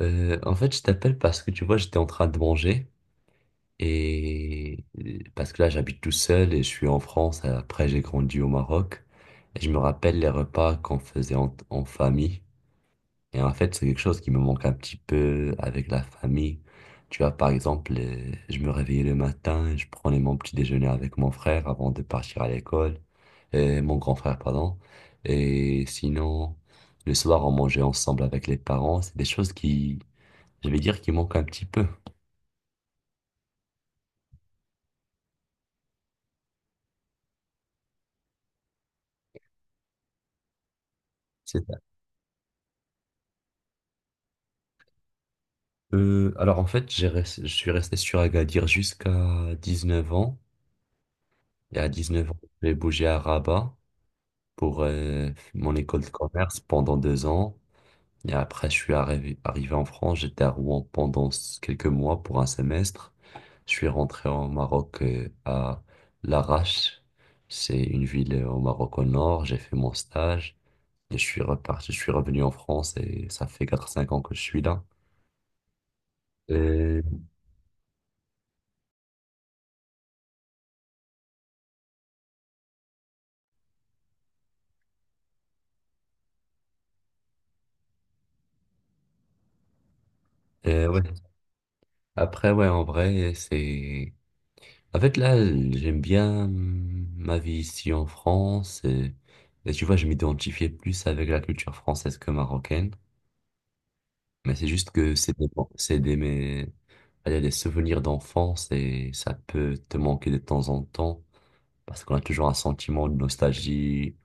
Je t'appelle parce que tu vois, j'étais en train de manger parce que là, j'habite tout seul et je suis en France. Après, j'ai grandi au Maroc et je me rappelle les repas qu'on faisait en famille. Et en fait, c'est quelque chose qui me manque un petit peu avec la famille. Tu vois, par exemple, je me réveillais le matin et je prenais mon petit déjeuner avec mon frère avant de partir à l'école, et mon grand frère, pardon. Et sinon, le soir, on mangeait ensemble avec les parents. C'est des choses qui, je vais dire, qu'il manque un petit peu. C'est un Alors en fait, je suis resté sur Agadir jusqu'à 19 ans. Et à 19 ans, j'ai bougé à Rabat pour mon école de commerce pendant 2 ans. Et après, je suis arrivé en France. J'étais à Rouen pendant quelques mois pour un semestre. Je suis rentré au Maroc à Larache. C'est une ville au Maroc au nord. J'ai fait mon stage. Et je suis reparti, je suis revenu en France et ça fait 4 5 ans que je suis là. Ouais. Après, ouais, en vrai, c'est... En fait, là, j'aime bien ma vie ici en France. Et tu vois, je m'identifiais plus avec la culture française que marocaine. Mais c'est juste que c'est des, mais, allez, des souvenirs d'enfance et ça peut te manquer de temps en temps parce qu'on a toujours un sentiment de nostalgie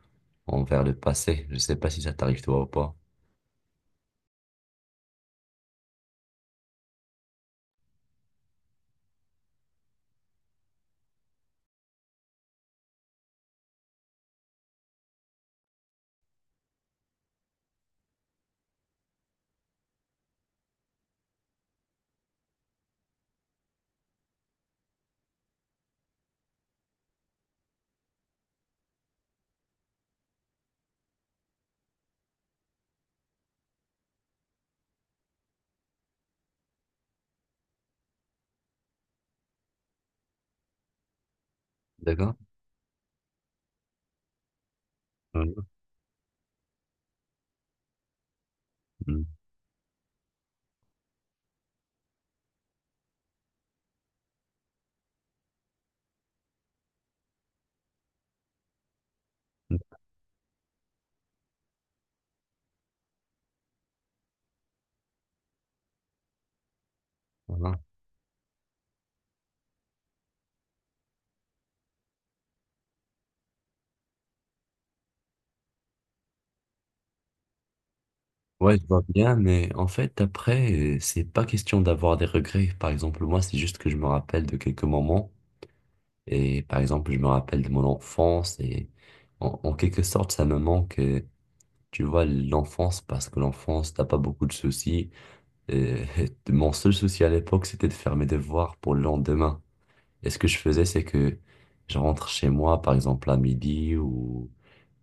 envers le passé. Je sais pas si ça t'arrive toi ou pas. D'accord? Mhm. Mhm. Ouais, je vois bien, mais en fait, après, c'est pas question d'avoir des regrets. Par exemple, moi, c'est juste que je me rappelle de quelques moments. Et par exemple, je me rappelle de mon enfance. Et en quelque sorte, ça me manque, tu vois, l'enfance, parce que l'enfance, t'as pas beaucoup de soucis. Euh, mon seul souci à l'époque, c'était de faire mes devoirs pour le lendemain. Et ce que je faisais, c'est que je rentre chez moi, par exemple, à midi ou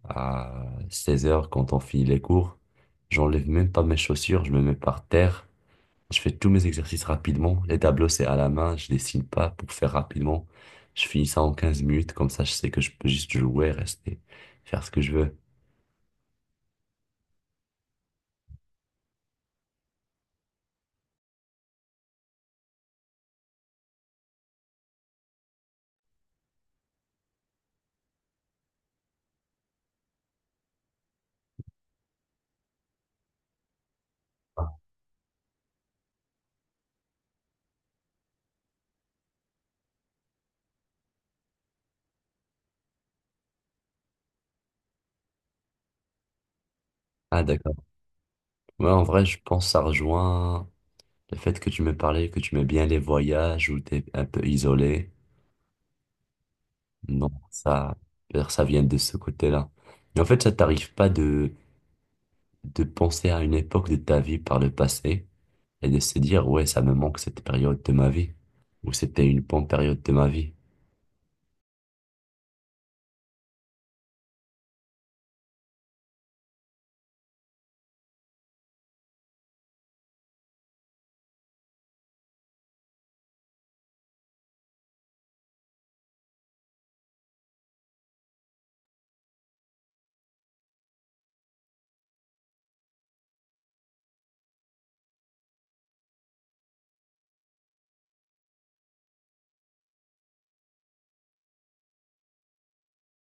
à 16 heures quand on finit les cours. J'enlève même pas mes chaussures, je me mets par terre, je fais tous mes exercices rapidement. Les tableaux, c'est à la main, je dessine pas pour faire rapidement. Je finis ça en 15 minutes, comme ça je sais que je peux juste jouer, rester, faire ce que je veux. Ah d'accord. Ouais, en vrai, je pense que ça rejoint le fait que tu me parlais, que tu mets bien les voyages où t'es un peu isolé. Non, ça vient de ce côté-là. Mais en fait, ça t'arrive pas de penser à une époque de ta vie par le passé et de se dire, ouais, ça me manque cette période de ma vie, ou c'était une bonne période de ma vie.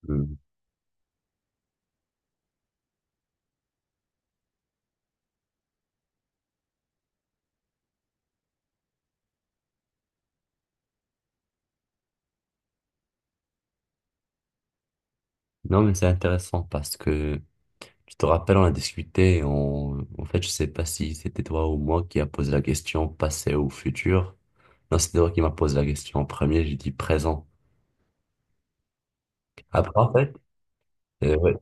Hmm. Non, mais c'est intéressant parce que tu te rappelles, on a discuté, on... en fait, je sais pas si c'était toi ou moi qui a posé la question passé ou futur. Non, c'était toi qui m'a posé la question en premier, j'ai dit présent. Après, en fait, euh, ouais,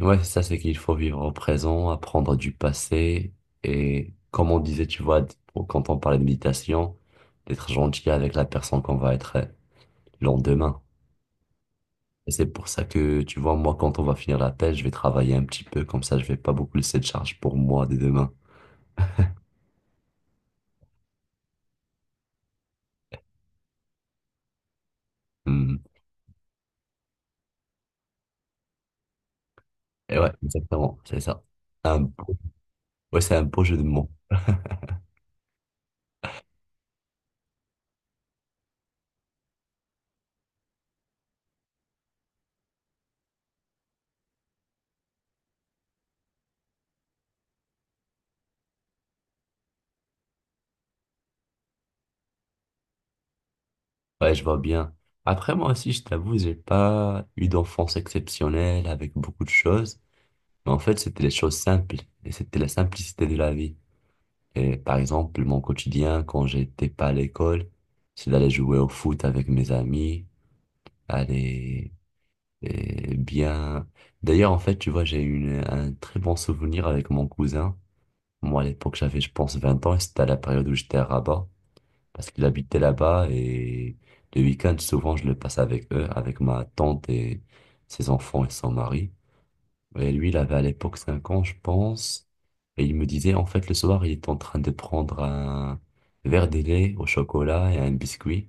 ouais, ça c'est qu'il faut vivre au présent, apprendre du passé et comme on disait, tu vois, quand on parlait de méditation, d'être gentil avec la personne qu'on va être le lendemain. Et c'est pour ça que, tu vois, moi, quand on va finir la tâche, je vais travailler un petit peu, comme ça, je vais pas beaucoup laisser de charge pour moi dès demain. Hmm. Et ouais, exactement, c'est ça. Un beau- Ouais, c'est un beau jeu de mots. Ouais, je vois bien. Après, moi aussi, je t'avoue, j'ai pas eu d'enfance exceptionnelle avec beaucoup de choses. Mais en fait, c'était les choses simples. Et c'était la simplicité de la vie. Et par exemple, mon quotidien, quand j'étais pas à l'école, c'est d'aller jouer au foot avec mes amis, aller Eh bien, d'ailleurs, en fait, tu vois, un très bon souvenir avec mon cousin. Moi, à l'époque, j'avais, je pense, 20 ans et c'était à la période où j'étais à Rabat parce qu'il habitait là-bas et le week-end, souvent, je le passe avec eux, avec ma tante et ses enfants et son mari. Et lui, il avait à l'époque 5 ans, je pense. Et il me disait, en fait, le soir, il est en train de prendre un verre de lait au chocolat et un biscuit.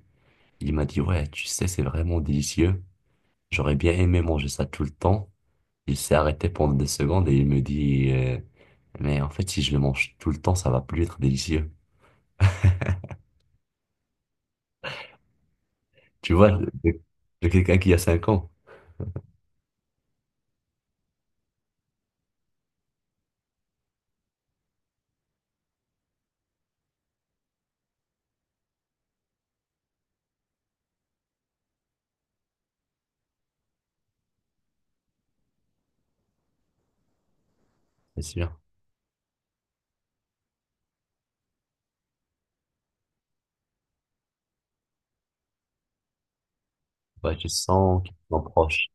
Il m'a dit, ouais, tu sais, c'est vraiment délicieux. J'aurais bien aimé manger ça tout le temps. Il s'est arrêté pendant des secondes et il me dit, mais en fait, si je le mange tout le temps, ça va plus être délicieux. Tu vois, de quelqu'un qui a 5 ans, c'est sûr. Ouais, je sens qu'il s'en proche.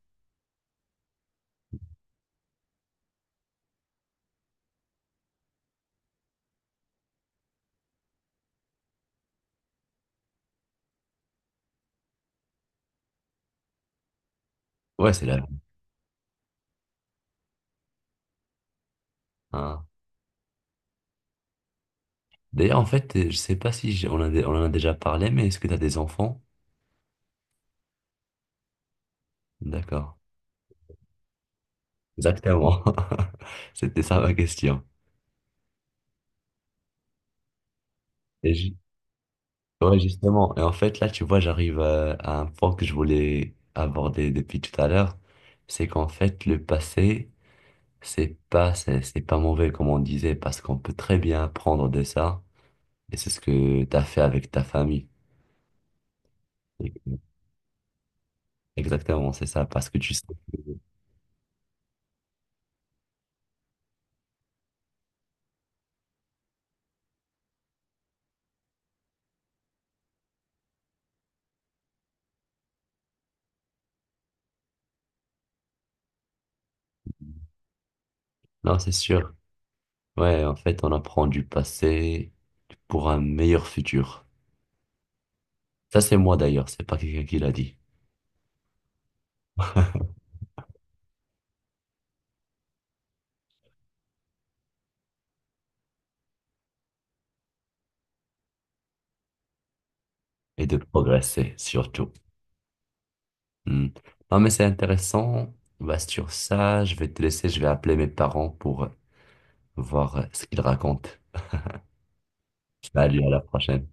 Ouais, c'est la vie. Hein. D'ailleurs, en fait, je sais pas si on a, on en a déjà parlé, mais est-ce que tu as des enfants? D'accord. Exactement. C'était ça ma question. Et ju- ouais, justement. Et en fait, là, tu vois, j'arrive à un point que je voulais aborder depuis tout à l'heure. C'est qu'en fait, le passé. C'est pas, c'est pas mauvais comme on disait, parce qu'on peut très bien apprendre de ça, et c'est ce que tu as fait avec ta famille. Et- Exactement, c'est ça, parce que tu sais. que- Non, c'est sûr. Ouais, en fait, on apprend du passé pour un meilleur futur. Ça, c'est moi d'ailleurs, c'est pas quelqu'un qui l'a dit. Et de progresser, surtout. Hmm. Non, mais c'est intéressant. Bah, sur ça, je vais te laisser, je vais appeler mes parents pour voir ce qu'ils racontent. Salut, à la prochaine.